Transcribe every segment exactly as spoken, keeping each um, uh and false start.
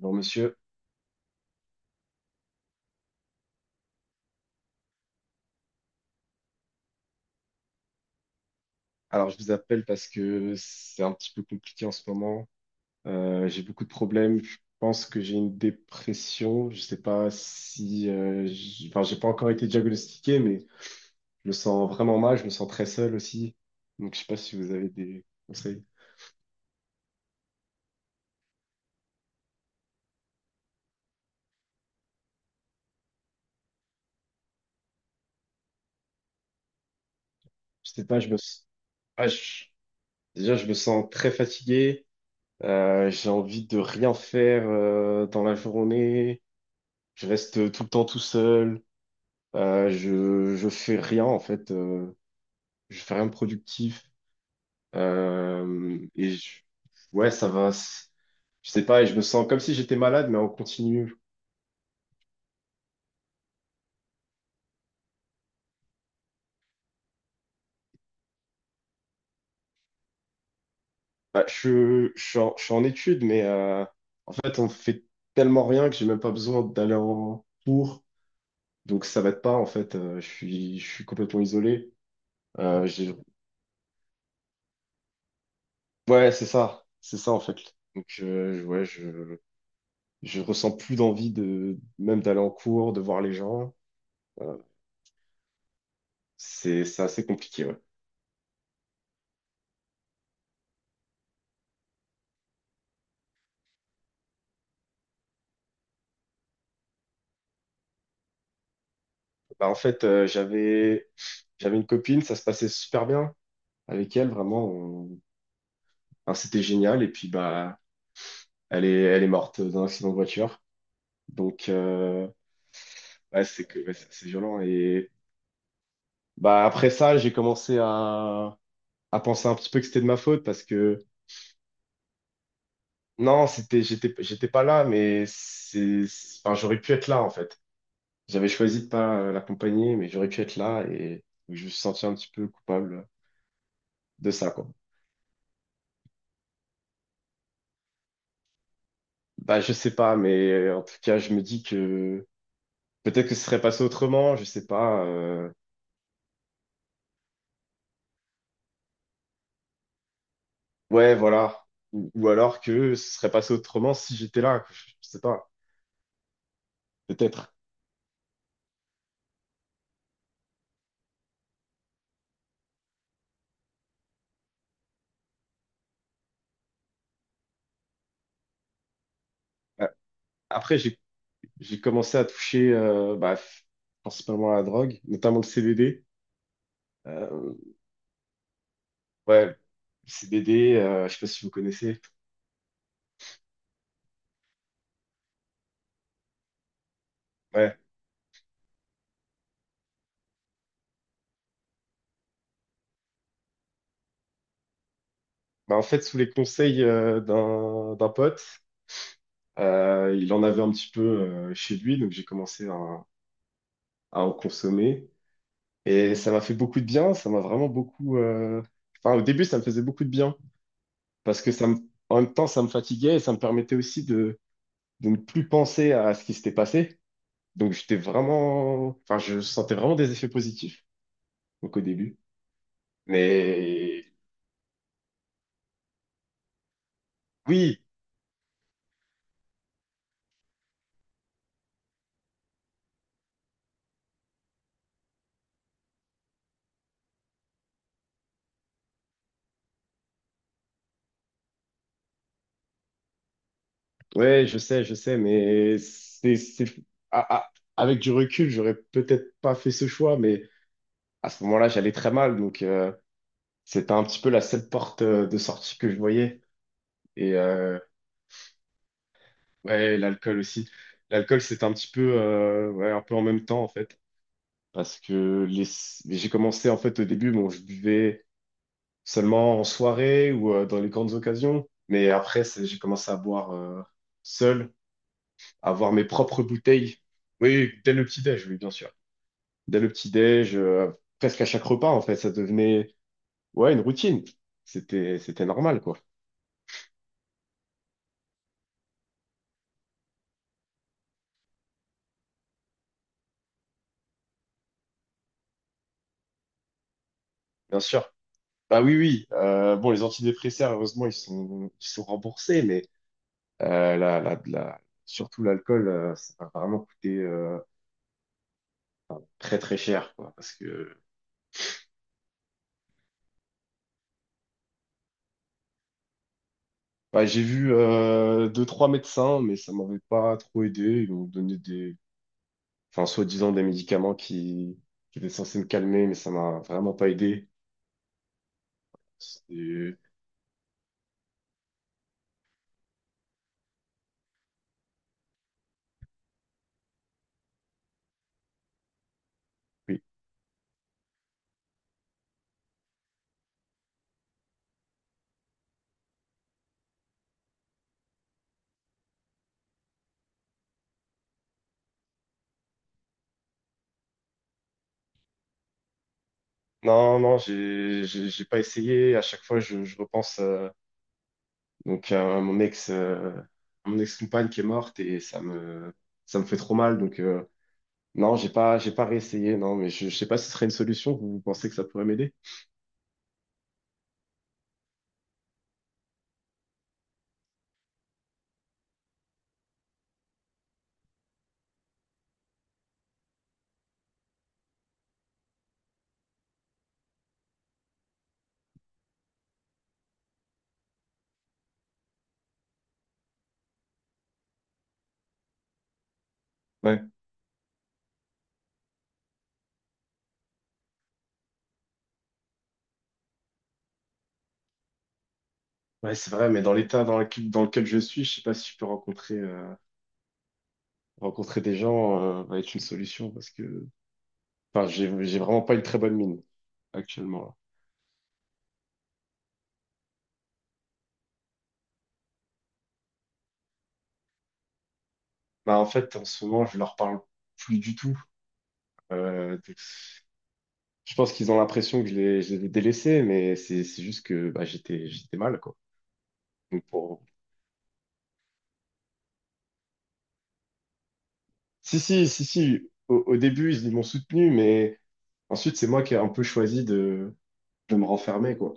Bon, monsieur, alors je vous appelle parce que c'est un petit peu compliqué en ce moment. Euh, j'ai beaucoup de problèmes. Je pense que j'ai une dépression. Je sais pas si, euh, j'- enfin, j'ai pas encore été diagnostiqué, mais je me sens vraiment mal. Je me sens très seul aussi. Donc, je sais pas si vous avez des conseils. Je sais pas. Je me, s- ah, je- Déjà, je me sens très fatigué. Euh, j'ai envie de rien faire euh, dans la journée. Je reste tout le temps tout seul. Euh, je, je fais rien en fait. Euh, je fais rien de productif. Euh, et je- ouais, ça va. c- Je sais pas, et je me sens comme si j'étais malade, mais en continu. Bah, je, je suis en, je suis en études, mais euh, en fait, on fait tellement rien que j'ai même pas besoin d'aller en cours. Donc ça m'aide pas, en fait. Euh, je suis, je suis complètement isolé. Euh, j'ai- ouais, c'est ça. C'est ça, en fait. Donc euh, ouais, je, je ressens plus d'envie de même d'aller en cours, de voir les gens. Euh, c'est, c'est assez compliqué, ouais. Bah, en fait, euh, j'avais J'avais une copine, ça se passait super bien avec elle, vraiment. On- enfin, c'était génial. Et puis, bah, elle est, elle est morte d'un accident de voiture. Donc, euh, ouais, c'est que, ouais, c'est c'est violent. Et bah, après ça, j'ai commencé à, à penser un petit peu que c'était de ma faute parce que, non, c'était, j'étais, j'étais pas là, mais c'est, c'est- enfin, j'aurais pu être là, en fait. J'avais choisi de pas euh, l'accompagner, mais j'aurais pu être là et je me suis senti un petit peu coupable de ça, quoi. Bah, je sais pas, mais euh, en tout cas, je me dis que peut-être que ce serait passé autrement, je sais pas. euh, Ouais, voilà. Ou, ou alors que ce serait passé autrement si j'étais là, que je, je sais pas. Peut-être. Euh, Après, j'ai j'ai commencé à toucher euh, bah, f- principalement à la drogue, notamment le C B D. Euh, ouais, le C B D, euh, je sais pas si vous connaissez. Ouais. Bah, en fait, sous les conseils euh, d'un d'un pote, euh, il en avait un petit peu euh, chez lui, donc j'ai commencé à, à en consommer. Et ça m'a fait beaucoup de bien, ça m'a vraiment beaucoup... euh, enfin, au début, ça me faisait beaucoup de bien, parce que ça me... en même temps, ça me fatiguait et ça me permettait aussi de, de ne plus penser à ce qui s'était passé. Donc, j'étais vraiment... Enfin, je sentais vraiment des effets positifs, donc au début. Mais oui, ouais, je sais, je sais, mais c'est... c'est- à- à- avec du recul, j'aurais peut-être pas fait ce choix, mais à ce moment-là, j'allais très mal, donc euh, c'était un petit peu la seule porte euh, de sortie que je voyais. Et, euh, Ouais, l'alcool aussi. L'alcool, c'est un petit peu, euh, ouais, un peu en même temps, en fait. Parce que les... j'ai commencé, en fait, au début, bon, je buvais seulement en soirée ou euh, dans les grandes occasions. Mais après, c'est- j'ai commencé à boire euh, seul, à avoir mes propres bouteilles. Oui, dès le petit-déj, oui, bien sûr. Dès le petit-déj, euh, presque à chaque repas, en fait, ça devenait, ouais, une routine. C'était, c'était normal, quoi. Bien sûr. Bah oui, oui. Euh, bon, les antidépresseurs, heureusement, ils sont, ils sont remboursés. Euh, la, la, la- surtout l'alcool, euh, ça va vraiment coûter euh, très très cher, quoi, parce que bah, j'ai vu euh, deux, trois médecins, mais ça m'avait pas trop aidé. Ils m'ont donné des, enfin, soi-disant des médicaments qui, qui étaient censés me calmer, mais ça m'a vraiment pas aidé. C'est... Oui. Non, non, j'ai, j'ai j'ai pas essayé. À chaque fois, je, je repense euh, donc à mon ex, euh, à mon ex-compagne qui est morte et ça me, ça me fait trop mal. Donc, euh, Non, j'ai pas, j'ai pas réessayé, non, mais je, je sais pas si ce serait une solution. Vous vous pensez que ça pourrait m'aider? Ouais. Ouais, c'est vrai, mais dans l'état dans lequel, dans lequel je suis, je sais pas si je peux rencontrer, euh, rencontrer des gens, euh, va être une solution parce que, enfin, j'ai, j'ai vraiment pas une très bonne mine actuellement, là. Bah, en fait, en ce moment, je leur parle plus du tout. Euh, donc, je pense qu'ils ont l'impression que je les, je les ai délaissés, mais c'est, c'est juste que, bah, j'étais, j'étais mal, quoi. Donc, pour... Si, si, si, si, au, au début, ils m'ont soutenu, mais ensuite, c'est moi qui ai un peu choisi de, je me renfermais, quoi.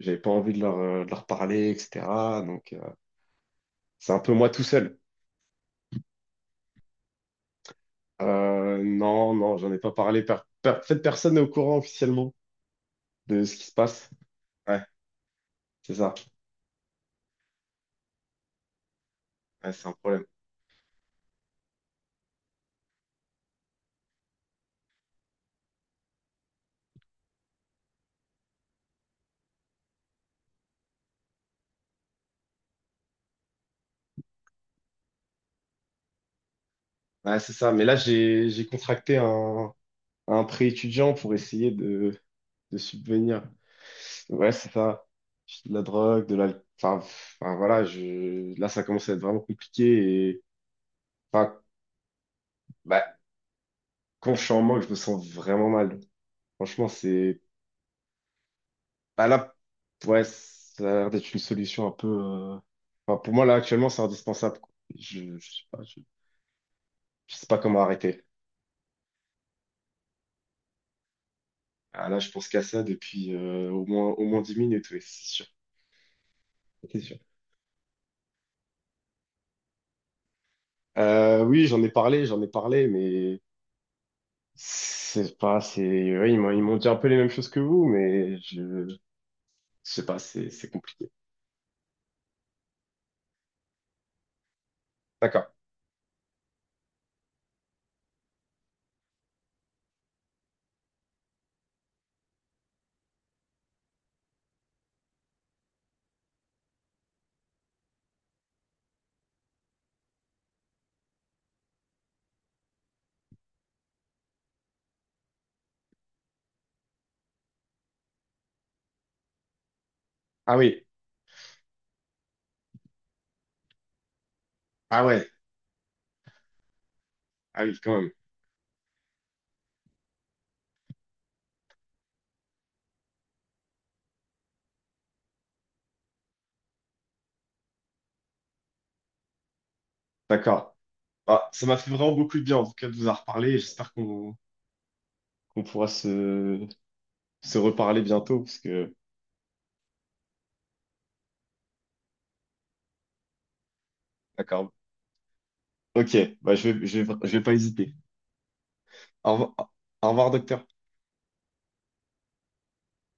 J'avais pas envie de leur, euh, de leur parler, et cetera. Donc, euh, c'est un peu moi tout seul. Euh, non, non, j'en ai pas parlé. Per- per- en fait, personne n'est au courant officiellement de ce qui se passe. Ouais, c'est ça. Ouais, c'est un problème. Ouais, c'est ça. Mais là, j'ai, j'ai contracté un, un prêt étudiant pour essayer de, de subvenir. Ouais, c'est ça. De la drogue, de la... Enfin, enfin, voilà, je... là, ça commence à être vraiment compliqué. Et... Enfin, bah, quand je suis en manque, je me sens vraiment mal. Franchement, c'est... Bah là, ouais, ça a l'air d'être une solution un peu. Euh, enfin, pour moi, là, actuellement, c'est indispensable, quoi. Je, je sais pas, je, je sais pas comment arrêter. Ah, là, je pense qu'à ça depuis euh, au moins, au moins dix minutes, oui, c'est sûr. C'est sûr. Euh, oui, j'en ai parlé, j'en ai parlé, mais c'est pas, c'est, ouais, ils m'ont, ils m'ont dit un peu les mêmes choses que vous, mais je, je sais pas, c'est, c'est compliqué. D'accord. Ah oui, ah ouais, ah oui, quand même. D'accord. Bah, ça m'a fait vraiment beaucoup de bien, en tout cas, de vous en reparler. J'espère qu'on qu'on pourra se se reparler bientôt parce que. D'accord. Ok, bah je vais, je vais, je vais pas hésiter. Au revoir, au revoir, docteur.